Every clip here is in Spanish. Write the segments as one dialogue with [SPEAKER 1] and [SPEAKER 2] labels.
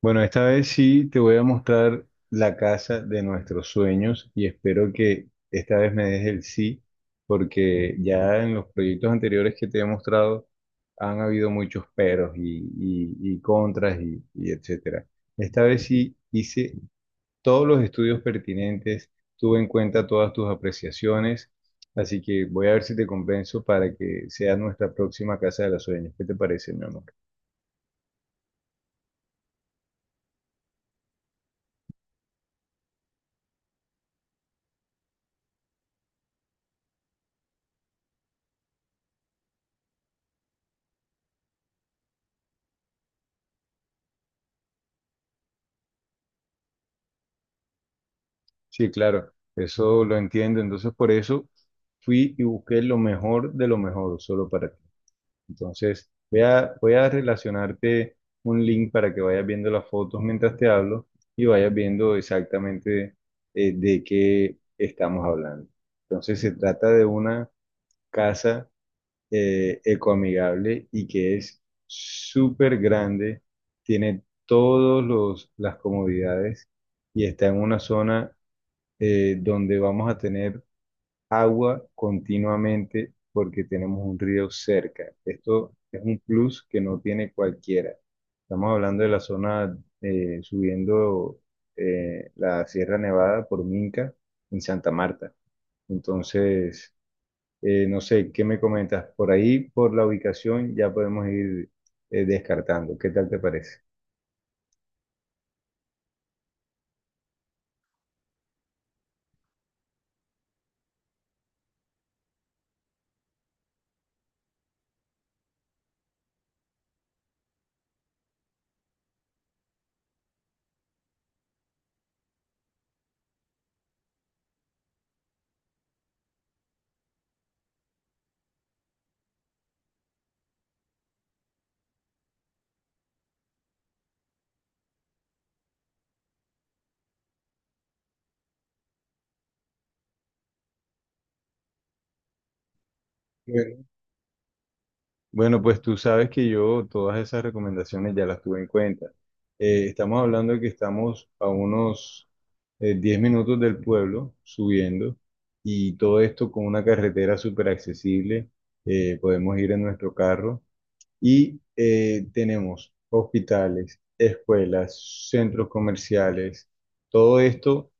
[SPEAKER 1] Bueno, esta vez sí te voy a mostrar la casa de nuestros sueños y espero que esta vez me des el sí, porque ya en los proyectos anteriores que te he mostrado han habido muchos peros y contras y etcétera. Esta vez sí hice todos los estudios pertinentes, tuve en cuenta todas tus apreciaciones, así que voy a ver si te convenzo para que sea nuestra próxima casa de los sueños. ¿Qué te parece, mi amor? Sí, claro, eso lo entiendo. Entonces, por eso fui y busqué lo mejor de lo mejor solo para ti. Entonces, voy a relacionarte un link para que vayas viendo las fotos mientras te hablo y vayas viendo exactamente de qué estamos hablando. Entonces, se trata de una casa ecoamigable y que es súper grande, tiene todas las comodidades y está en una zona donde vamos a tener agua continuamente porque tenemos un río cerca. Esto es un plus que no tiene cualquiera. Estamos hablando de la zona subiendo la Sierra Nevada por Minca en Santa Marta. Entonces, no sé, ¿qué me comentas? Por ahí, por la ubicación, ya podemos ir descartando. ¿Qué tal te parece? Bueno, pues tú sabes que yo todas esas recomendaciones ya las tuve en cuenta. Estamos hablando de que estamos a unos 10 minutos del pueblo subiendo y todo esto con una carretera súper accesible. Podemos ir en nuestro carro y tenemos hospitales, escuelas, centros comerciales, todo esto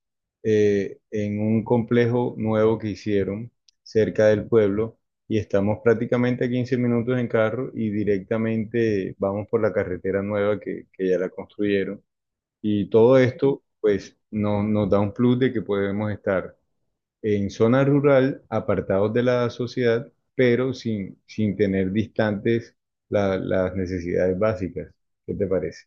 [SPEAKER 1] en un complejo nuevo que hicieron cerca del pueblo y estamos prácticamente a 15 minutos en carro y directamente vamos por la carretera nueva que ya la construyeron. Y todo esto pues nos da un plus de que podemos estar en zona rural, apartados de la sociedad, pero sin tener distantes las necesidades básicas. ¿Qué te parece?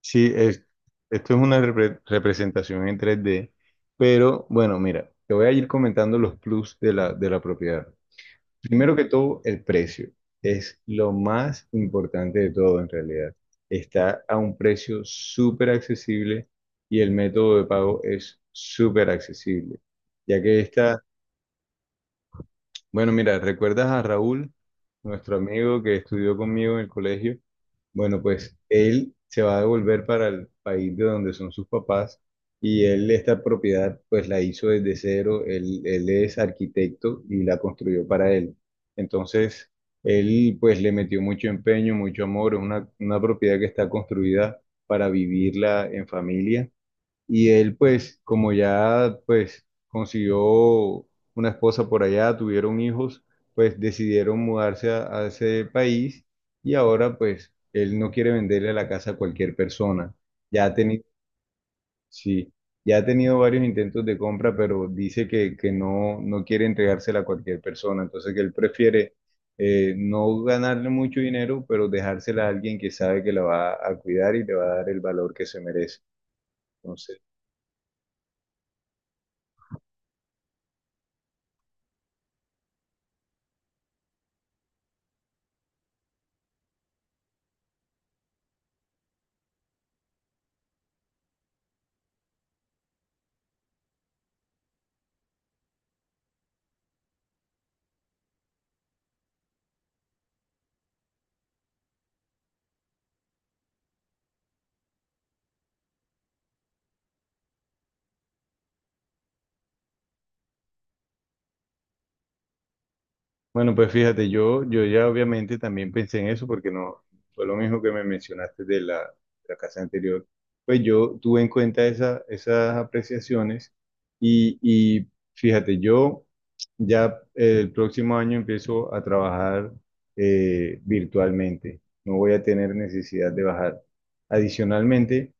[SPEAKER 1] Sí, es, esto es una representación en 3D, pero bueno, mira, te voy a ir comentando los plus de de la propiedad. Primero que todo, el precio es lo más importante de todo en realidad. Está a un precio súper accesible y el método de pago es súper accesible, ya que esta. Bueno, mira, ¿recuerdas a Raúl, nuestro amigo que estudió conmigo en el colegio? Bueno, pues él se va a devolver para el país de donde son sus papás y él esta propiedad pues la hizo desde cero, él es arquitecto y la construyó para él. Entonces, él pues le metió mucho empeño, mucho amor, es una propiedad que está construida para vivirla en familia y él, pues, como ya, pues, consiguió una esposa por allá, tuvieron hijos, pues decidieron mudarse a ese país y ahora, pues, él no quiere venderle la casa a cualquier persona. Ya ha tenido, sí, ya ha tenido varios intentos de compra, pero dice que no, no quiere entregársela a cualquier persona. Entonces, que él prefiere no ganarle mucho dinero, pero dejársela a alguien que sabe que la va a cuidar y le va a dar el valor que se merece. Entonces, bueno, pues fíjate, yo ya obviamente también pensé en eso porque no fue lo mismo que me mencionaste de de la casa anterior. Pues yo tuve en cuenta esas apreciaciones y fíjate, yo ya el próximo año empiezo a trabajar virtualmente. No voy a tener necesidad de bajar. Adicionalmente,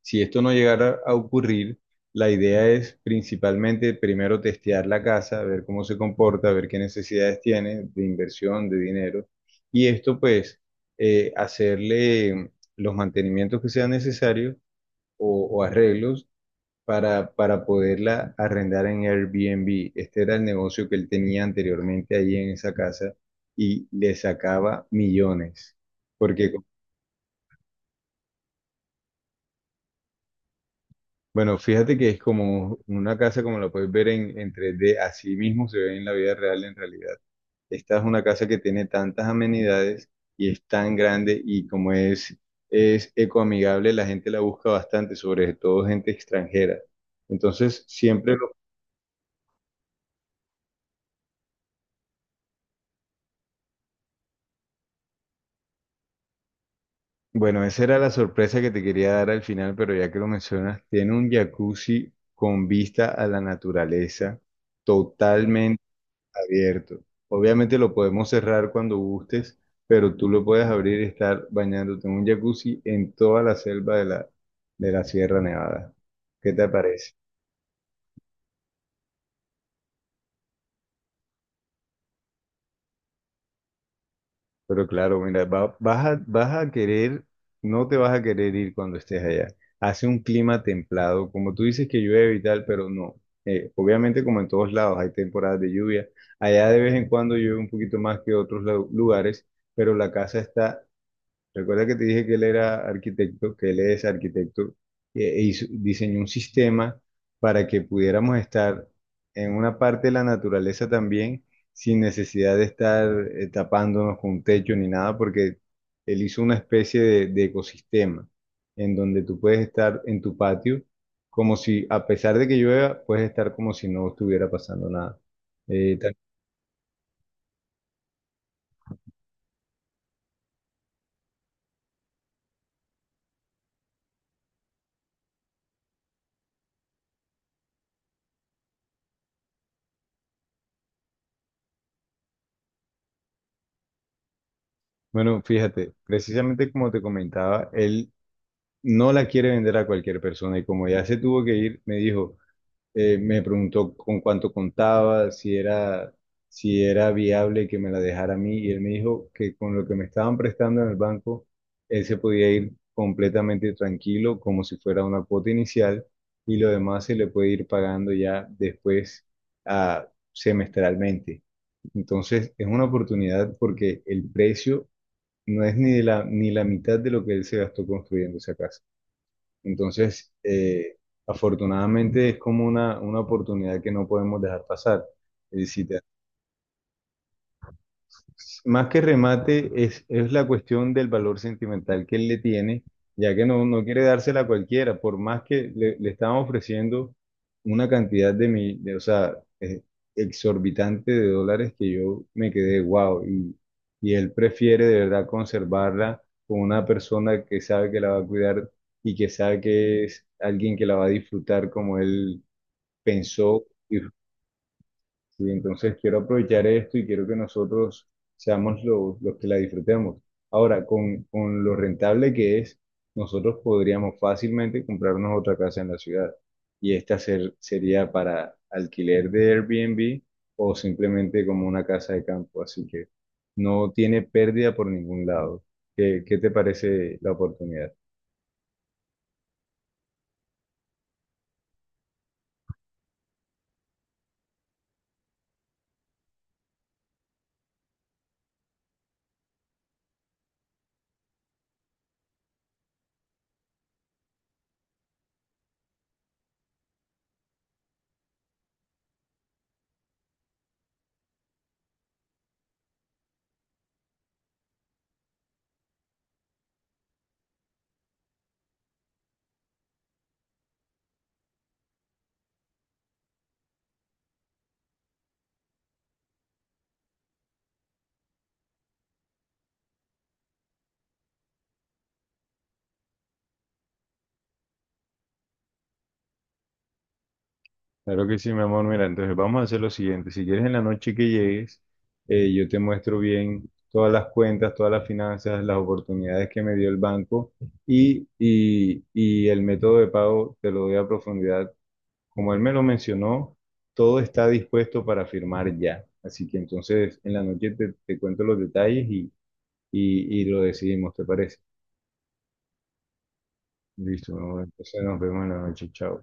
[SPEAKER 1] si esto no llegara a ocurrir, la idea es principalmente primero testear la casa, ver cómo se comporta, ver qué necesidades tiene de inversión, de dinero, y esto pues hacerle los mantenimientos que sean necesarios o arreglos para poderla arrendar en Airbnb. Este era el negocio que él tenía anteriormente ahí en esa casa y le sacaba millones, porque bueno, fíjate que es como una casa como la puedes ver en 3D, así mismo se ve en la vida real en realidad. Esta es una casa que tiene tantas amenidades y es tan grande y como es ecoamigable, la gente la busca bastante, sobre todo gente extranjera. Entonces, siempre lo... Bueno, esa era la sorpresa que te quería dar al final, pero ya que lo mencionas, tiene un jacuzzi con vista a la naturaleza, abierto. Obviamente lo podemos cerrar cuando gustes, pero tú lo puedes abrir y estar bañándote en un jacuzzi en toda la selva de de la Sierra Nevada. ¿Qué te parece? Pero claro, mira, vas a, vas a querer, no te vas a querer ir cuando estés allá. Hace un clima templado, como tú dices que llueve y tal, pero no. Obviamente como en todos lados hay temporadas de lluvia. Allá de vez en cuando llueve un poquito más que otros lugares, pero la casa está. Recuerda que te dije que él era arquitecto, que él es arquitecto, diseñó un sistema para que pudiéramos estar en una parte de la naturaleza también sin necesidad de estar tapándonos con un techo ni nada, porque él hizo una especie de ecosistema en donde tú puedes estar en tu patio como si, a pesar de que llueva, puedes estar como si no estuviera pasando nada. Ta- bueno, fíjate, precisamente como te comentaba, él no la quiere vender a cualquier persona y como ya se tuvo que ir, me dijo, me preguntó con cuánto contaba, si era viable que me la dejara a mí y él me dijo que con lo que me estaban prestando en el banco, él se podía ir completamente tranquilo como si fuera una cuota inicial y lo demás se le puede ir pagando ya después, ah, semestralmente. Entonces es una oportunidad porque el precio no es ni de ni la mitad de lo que él se gastó construyendo esa casa. Entonces, afortunadamente es como una oportunidad que no podemos dejar pasar. Si te más que remate, es la cuestión del valor sentimental que él le tiene, ya que no, no quiere dársela a cualquiera, por más que le estaban ofreciendo una cantidad de, o sea, eh, exorbitante de dólares que yo me quedé wow, y él prefiere de verdad conservarla con una persona que sabe que la va a cuidar y que sabe que es alguien que la va a disfrutar como él pensó. Sí, entonces quiero aprovechar esto y quiero que nosotros seamos los que la disfrutemos. Ahora, con lo rentable que es, nosotros podríamos fácilmente comprarnos otra casa en la ciudad y esta sería para alquiler de Airbnb o simplemente como una casa de campo, así que no tiene pérdida por ningún lado. ¿ qué te parece la oportunidad? Claro que sí, mi amor. Mira, entonces vamos a hacer lo siguiente. Si quieres en la noche que llegues, yo te muestro bien todas las cuentas, todas las finanzas, las oportunidades que me dio el banco y el método de pago te lo doy a profundidad. Como él me lo mencionó, todo está dispuesto para firmar ya. Así que entonces en la noche te cuento los detalles y lo decidimos, ¿te parece? Listo, mi amor. Entonces nos vemos en la noche. Chao.